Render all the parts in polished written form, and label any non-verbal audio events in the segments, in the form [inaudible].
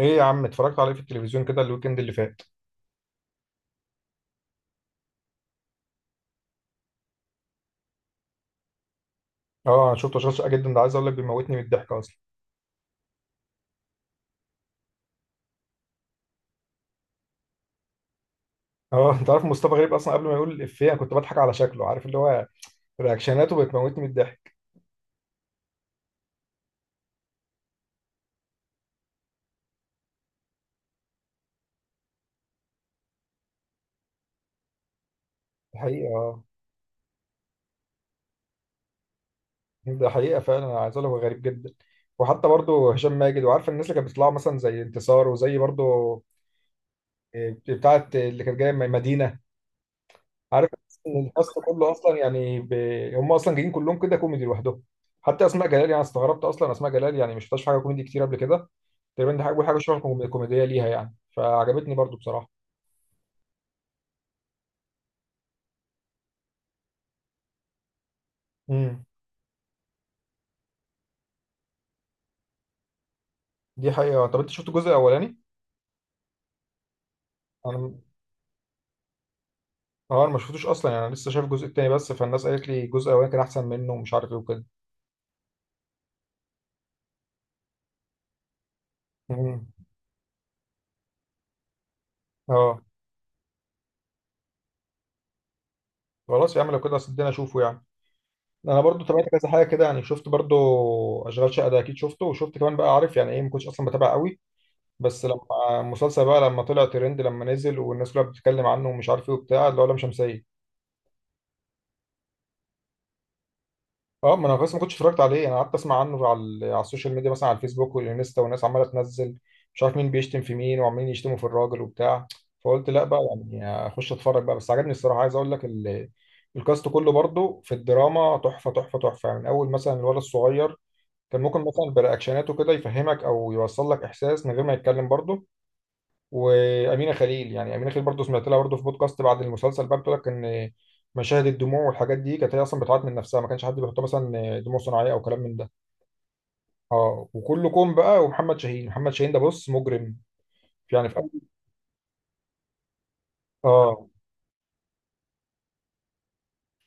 ايه يا عم، اتفرجت عليه في التلفزيون كده الويكند اللي فات؟ اه، انا شفته شاشه جدا. ده عايز اقول لك بيموتني من الضحك اصلا. اه، انت عارف مصطفى غريب اصلا قبل ما يقول الافيه انا كنت بضحك على شكله، عارف اللي هو رياكشناته بتموتني من الضحك. ده حقيقه، اه. ده حقيقه فعلا، انا عايز اقول لك هو غريب جدا. وحتى برضه هشام ماجد، وعارف الناس اللي كانت بتطلع مثلا زي انتصار، وزي برضه بتاعه اللي كانت جايه مدينه، عارف. إن الكاست كله اصلا يعني هم اصلا جايين كلهم كده كوميدي لوحدهم. حتى اسماء جلال، يعني استغربت اصلا اسماء جلال يعني مش شفتهاش في حاجه كوميدي كتير قبل كده. تقريبا دي حاجه شبه كوميديه ليها، يعني فعجبتني برضو بصراحه. امم. دي حقيقه. طب انت شفت الجزء الاولاني؟ انا اه، انا ما شفتوش اصلا، يعني انا لسه شايف الجزء التاني بس، فالناس قالت لي الجزء الاولاني كان احسن منه ومش عارف ايه وكده. امم. اه. خلاص يا عم، لو كده صدقني اشوفه يعني. انا برضو تابعت كذا حاجه كده، يعني شفت برضو اشغال شقه ده اكيد شفته، وشفت كمان بقى، عارف يعني ايه، ما كنتش اصلا بتابع قوي، بس لما المسلسل بقى لما طلع ترند لما نزل والناس كلها بتتكلم عنه ومش عارف ايه وبتاع، اللي هو لام شمسيه. اه، ما انا بس ما كنتش اتفرجت عليه، انا قعدت اسمع عنه على على السوشيال ميديا، مثلا على الفيسبوك والانستا، والناس عماله تنزل مش عارف مين بيشتم في مين، وعمالين يشتموا في الراجل وبتاع. فقلت لا بقى يعني اخش اتفرج بقى. بس عجبني الصراحه، عايز اقول لك الكاست كله برضو في الدراما تحفه تحفه تحفه، يعني من اول مثلا الولد الصغير، كان ممكن مثلا برياكشناته كده يفهمك او يوصل لك احساس من غير ما يتكلم برضو. وامينه خليل، يعني امينه خليل برضو سمعت لها برضو في بودكاست بعد المسلسل بقى، بتقول لك ان مشاهد الدموع والحاجات دي كانت هي اصلا بتعيط من نفسها، ما كانش حد بيحطها مثلا دموع صناعيه او كلام من ده. اه، وكلكم بقى. ومحمد شاهين، محمد شاهين ده بص مجرم، يعني في أول. اه.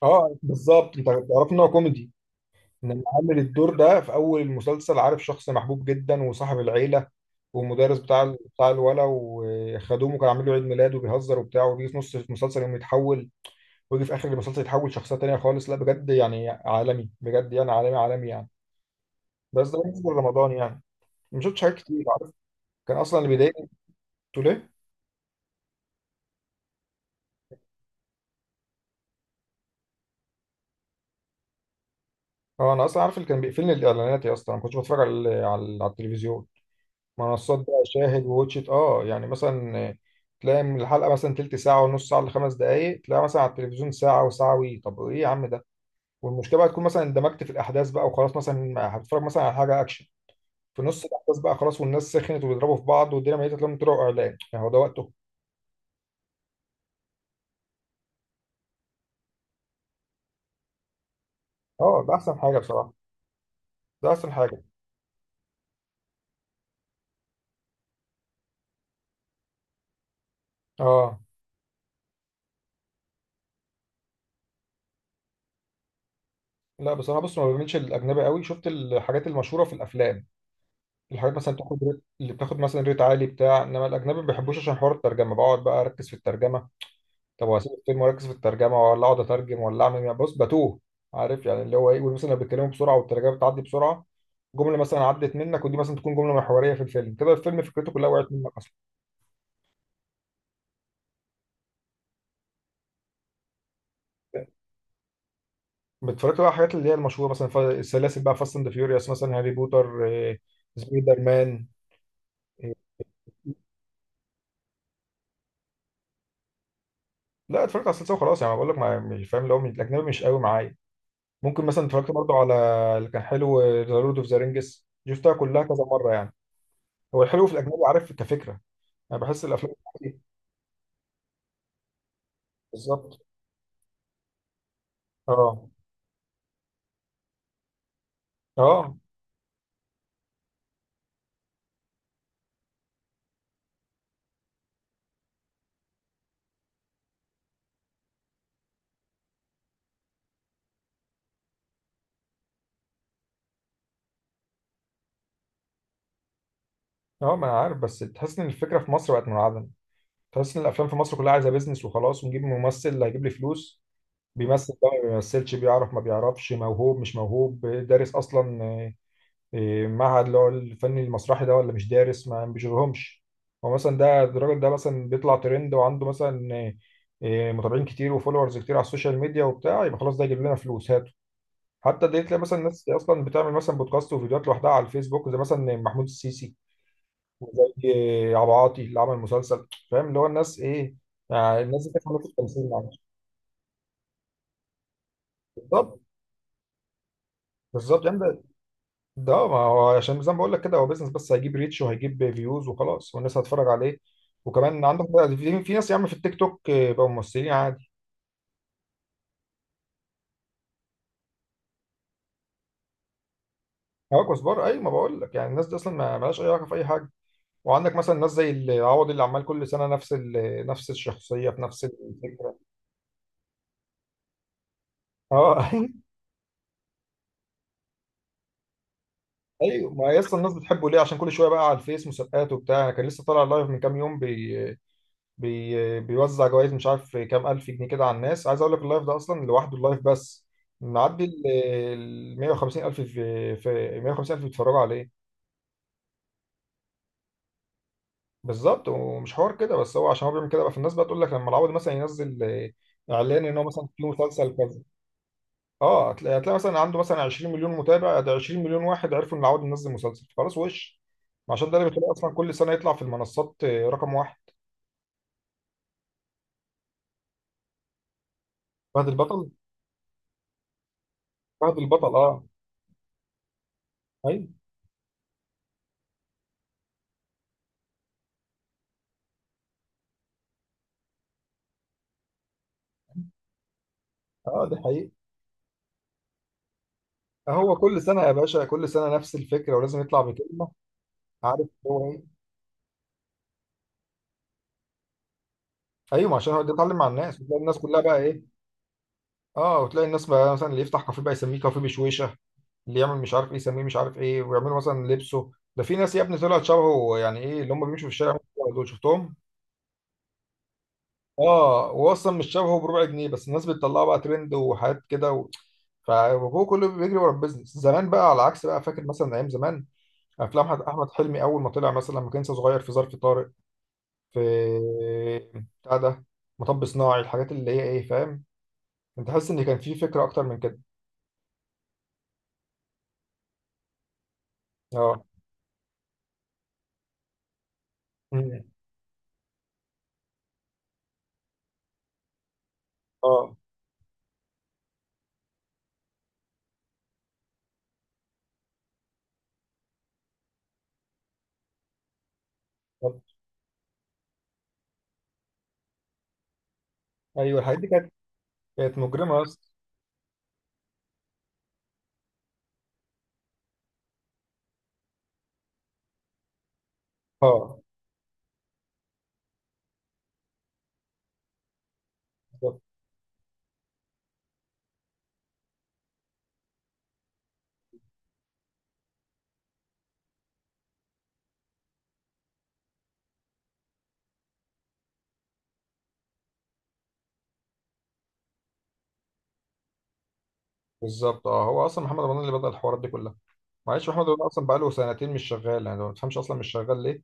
اه، بالظبط، انت تعرف ان هو كوميدي، انما عامل الدور ده في اول المسلسل، عارف، شخص محبوب جدا وصاحب العيله ومدرس بتاع بتاع الولا، وخدومه، كان عامل له عيد ميلاد وبيهزر وبتاع، وبيجي في نص المسلسل يقوم يتحول، ويجي في اخر المسلسل يتحول شخصيه تانيه خالص. لا بجد يعني عالمي، بجد يعني عالمي عالمي يعني. بس ده بالنسبه لرمضان، يعني ما شفتش حاجات كتير، عارف. كان اصلا اللي بيضايقني، قلت ليه، هو انا اصلا عارف اللي كان بيقفلني الاعلانات يا اسطى. أنا ما كنتش بتفرج على على التلفزيون، منصات بقى، شاهد ووتشت، اه يعني مثلا تلاقي من الحلقه مثلا تلت ساعه ونص ساعه لخمس دقائق، تلاقي مثلا على التلفزيون ساعه وساعه وي، طب ايه يا عم ده. والمشكله بقى تكون مثلا اندمجت في الاحداث بقى وخلاص، مثلا هتتفرج مثلا على حاجه اكشن، في نص الاحداث بقى خلاص، والناس سخنت وبيضربوا في بعض والدنيا ميته، تلاقيهم طلعوا اعلان، يعني هو ده وقته؟ اه ده احسن حاجه بصراحه، ده احسن حاجه. اه. لا، بس انا بص ما بعملش الاجنبي قوي، شفت الحاجات المشهوره في الافلام، الحاجات مثلا بتاخد ريت، اللي بتاخد مثلا ريت عالي بتاع، انما الاجنبي ما بحبوش عشان حوار الترجمه، بقعد بقى اركز في الترجمه. طب واسيب الفيلم واركز في الترجمه، ولا اقعد اترجم، ولا اعمل، يعني بص بتوه، عارف يعني اللي هو ايه، مثلا لو بيتكلموا بسرعه والترجمه بتعدي بسرعه، جمله مثلا عدت منك، ودي مثلا تكون جمله محوريه في الفيلم كده، الفيلم فكرته كلها وقعت منك. بتتفرج بقى على الحاجات اللي هي المشهوره مثلا السلاسل بقى، فاست اند فيوريوس مثلا، هاري بوتر، سبايدر مان. إيه. لا، اتفرجت على السلسله وخلاص يعني، بقول لك مش فاهم اللي هو الاجنبي مش قوي معايا. ممكن مثلا اتفرجت برضه على اللي كان حلو، ذا لورد اوف ذا رينجز، شفتها كلها كذا مره يعني. هو الحلو في الاجنبي، عارف، كفكره، انا بحس الافلام دي- بالظبط. اه. اه. اه، ما انا عارف، بس تحس ان الفكره في مصر بقت منعدمه، تحس ان الافلام في مصر كلها عايزه بيزنس وخلاص، ونجيب ممثل اللي هيجيب لي فلوس، بيمثل بقى ما بيمثلش، بيعرف ما بيعرفش، موهوب مش موهوب، دارس اصلا معهد اللي هو الفن المسرحي ده، ولا مش دارس، ما بيشغلهمش. هو مثلا ده الراجل ده مثلا بيطلع ترند، وعنده مثلا متابعين كتير وفولورز كتير على السوشيال ميديا وبتاع، يبقى خلاص ده يجيب لنا فلوس، هاته. حتى دي تلاقي مثلا ناس اصلا بتعمل مثلا بودكاست وفيديوهات لوحدها على الفيسبوك، زي مثلا محمود السيسي، وزي عبد العاطي اللي عمل مسلسل، فاهم اللي هو الناس ايه، الناس دي كانت في التمثيل معلش. بالظبط، بالظبط يعني. ده ما هو عشان زي ما بقول لك كده، هو بيزنس بس، هيجيب ريتش وهيجيب فيوز وخلاص، والناس هتتفرج عليه. وكمان عندك بقى في ناس يا عم في التيك توك بقوا ممثلين عادي. هو كزبار، اي ما بقول لك يعني الناس دي اصلا ما مالهاش اي علاقه في اي حاجه. وعندك مثلا ناس زي العوض، اللي عمال كل سنه نفس نفس الشخصيه في نفس الفكره. اه. [laughs] ايوه، ما هي اصلا الناس بتحبه ليه؟ عشان كل شويه بقى على الفيس مسابقات وبتاع، أنا كان لسه طالع لايف من كام يوم، بي بي بيوزع جوائز، مش عارف كام الف جنيه كده على الناس. عايز اقول لك اللايف ده اصلا لوحده، اللايف بس معدي ال 150 الف، في 150 الف بيتفرجوا عليه. بالظبط، ومش حوار كده بس، هو عشان هو بيعمل كده بقى، فالناس بقى تقول لك لما العوض مثلا ينزل اعلان ان هو مثلا في مسلسل كذا. اه، هتلاقي هتلاقي مثلا عنده مثلا 20 مليون متابع، ده 20 مليون واحد عرفوا ان العوض منزل مسلسل، خلاص وش، عشان ده اللي بتلاقيه اصلا كل سنه يطلع في المنصات رقم واحد. فهد البطل. فهد البطل، اه. ايوه. اه، ده حقيقي. هو كل سنه يا باشا، كل سنه نفس الفكره، ولازم يطلع بكلمه، عارف هو ايه. ايوه، ما عشان هو ده يتعلم مع الناس، وتلاقي الناس كلها بقى ايه. اه، وتلاقي الناس بقى مثلا اللي يفتح كافيه بقى يسميه كافيه بشويشه، اللي يعمل مش عارف ايه يسميه مش عارف ايه، ويعملوا مثلا لبسه، ده في ناس يا ابني طلعت شبهه، يعني ايه اللي هم بيمشوا في الشارع، دول شفتهم. اه، هو اصلا مش شبهه بربع جنيه، بس الناس بتطلعه بقى ترند وحاجات كده فهو كله بيجري ورا البيزنس. زمان بقى على عكس بقى، فاكر مثلا ايام زمان افلام أحمد حلمي اول ما طلع مثلا لما كان لسه صغير، في ظرف طارق، في بتاع ده، مطب صناعي، الحاجات اللي هي ايه، فاهم، انت حاسس ان كان في فكره اكتر من كده. اه. مم. اه. طب- ايوه، الحاجات دي كانت كانت مجرمه اصلا. اه. بالظبط. بالظبط. اه، هو اصلا محمد رمضان اللي بدأ الحوارات دي كلها. معلش، محمد رمضان اصلا بقاله سنتين مش شغال، يعني ما تفهمش اصلا مش شغال ليه.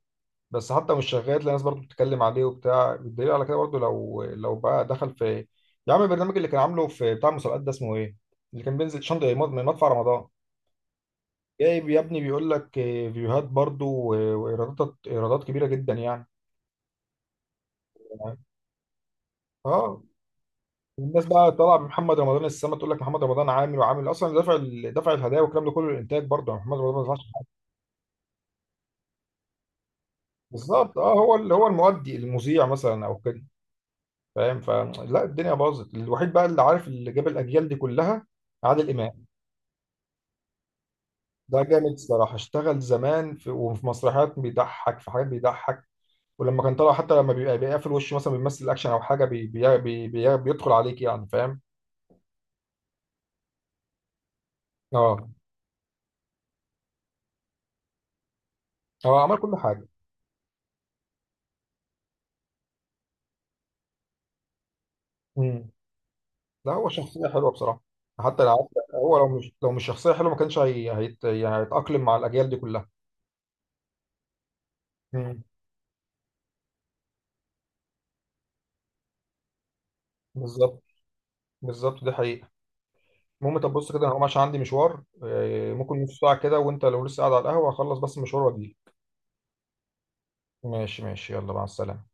بس حتى مش شغال تلاقي الناس برضه بتتكلم عليه وبتاع. الدليل على كده برضه، لو بقى دخل في، يا عم البرنامج اللي كان عامله في بتاع المسابقات ده، اسمه ايه، اللي كان بينزل شنطه، مدفع رمضان، جايب يا ابني، بيقول لك فيوهات برضو وايرادات، ايرادات كبيره جدا يعني. اه، الناس بقى طالعه بمحمد رمضان السما، تقول لك محمد رمضان عامل وعامل، اصلا دافع دافع الهدايا والكلام ده كله، الانتاج برضو، يعني محمد رمضان ما دفعش حاجة. بالظبط، اه، هو اللي هو المؤدي، المذيع مثلا او كده، فاهم، فلا الدنيا باظت. الوحيد بقى اللي عارف، اللي جاب الاجيال دي كلها، عادل امام. ده جامد الصراحه، اشتغل زمان في وفي مسرحيات، بيضحك في حاجات بيضحك، ولما كان طالع حتى لما بيبقى بيقفل وشه مثلا بيمثل اكشن او حاجه بي بي بي بي بيدخل عليك يعني، فاهم. اه، هو عمل كل حاجه. امم. لا، هو شخصيه حلوه بصراحه، حتى لو هو، لو مش شخصيه حلوه ما كانش يعني هيتاقلم مع الاجيال دي كلها. امم. بالظبط، بالظبط، دي حقيقه. المهم طب بص كده، انا هقوم عشان عندي مشوار ممكن نص ساعه كده، وانت لو لسه قاعد على القهوه هخلص بس المشوار واجيلك. ماشي ماشي، يلا مع السلامه.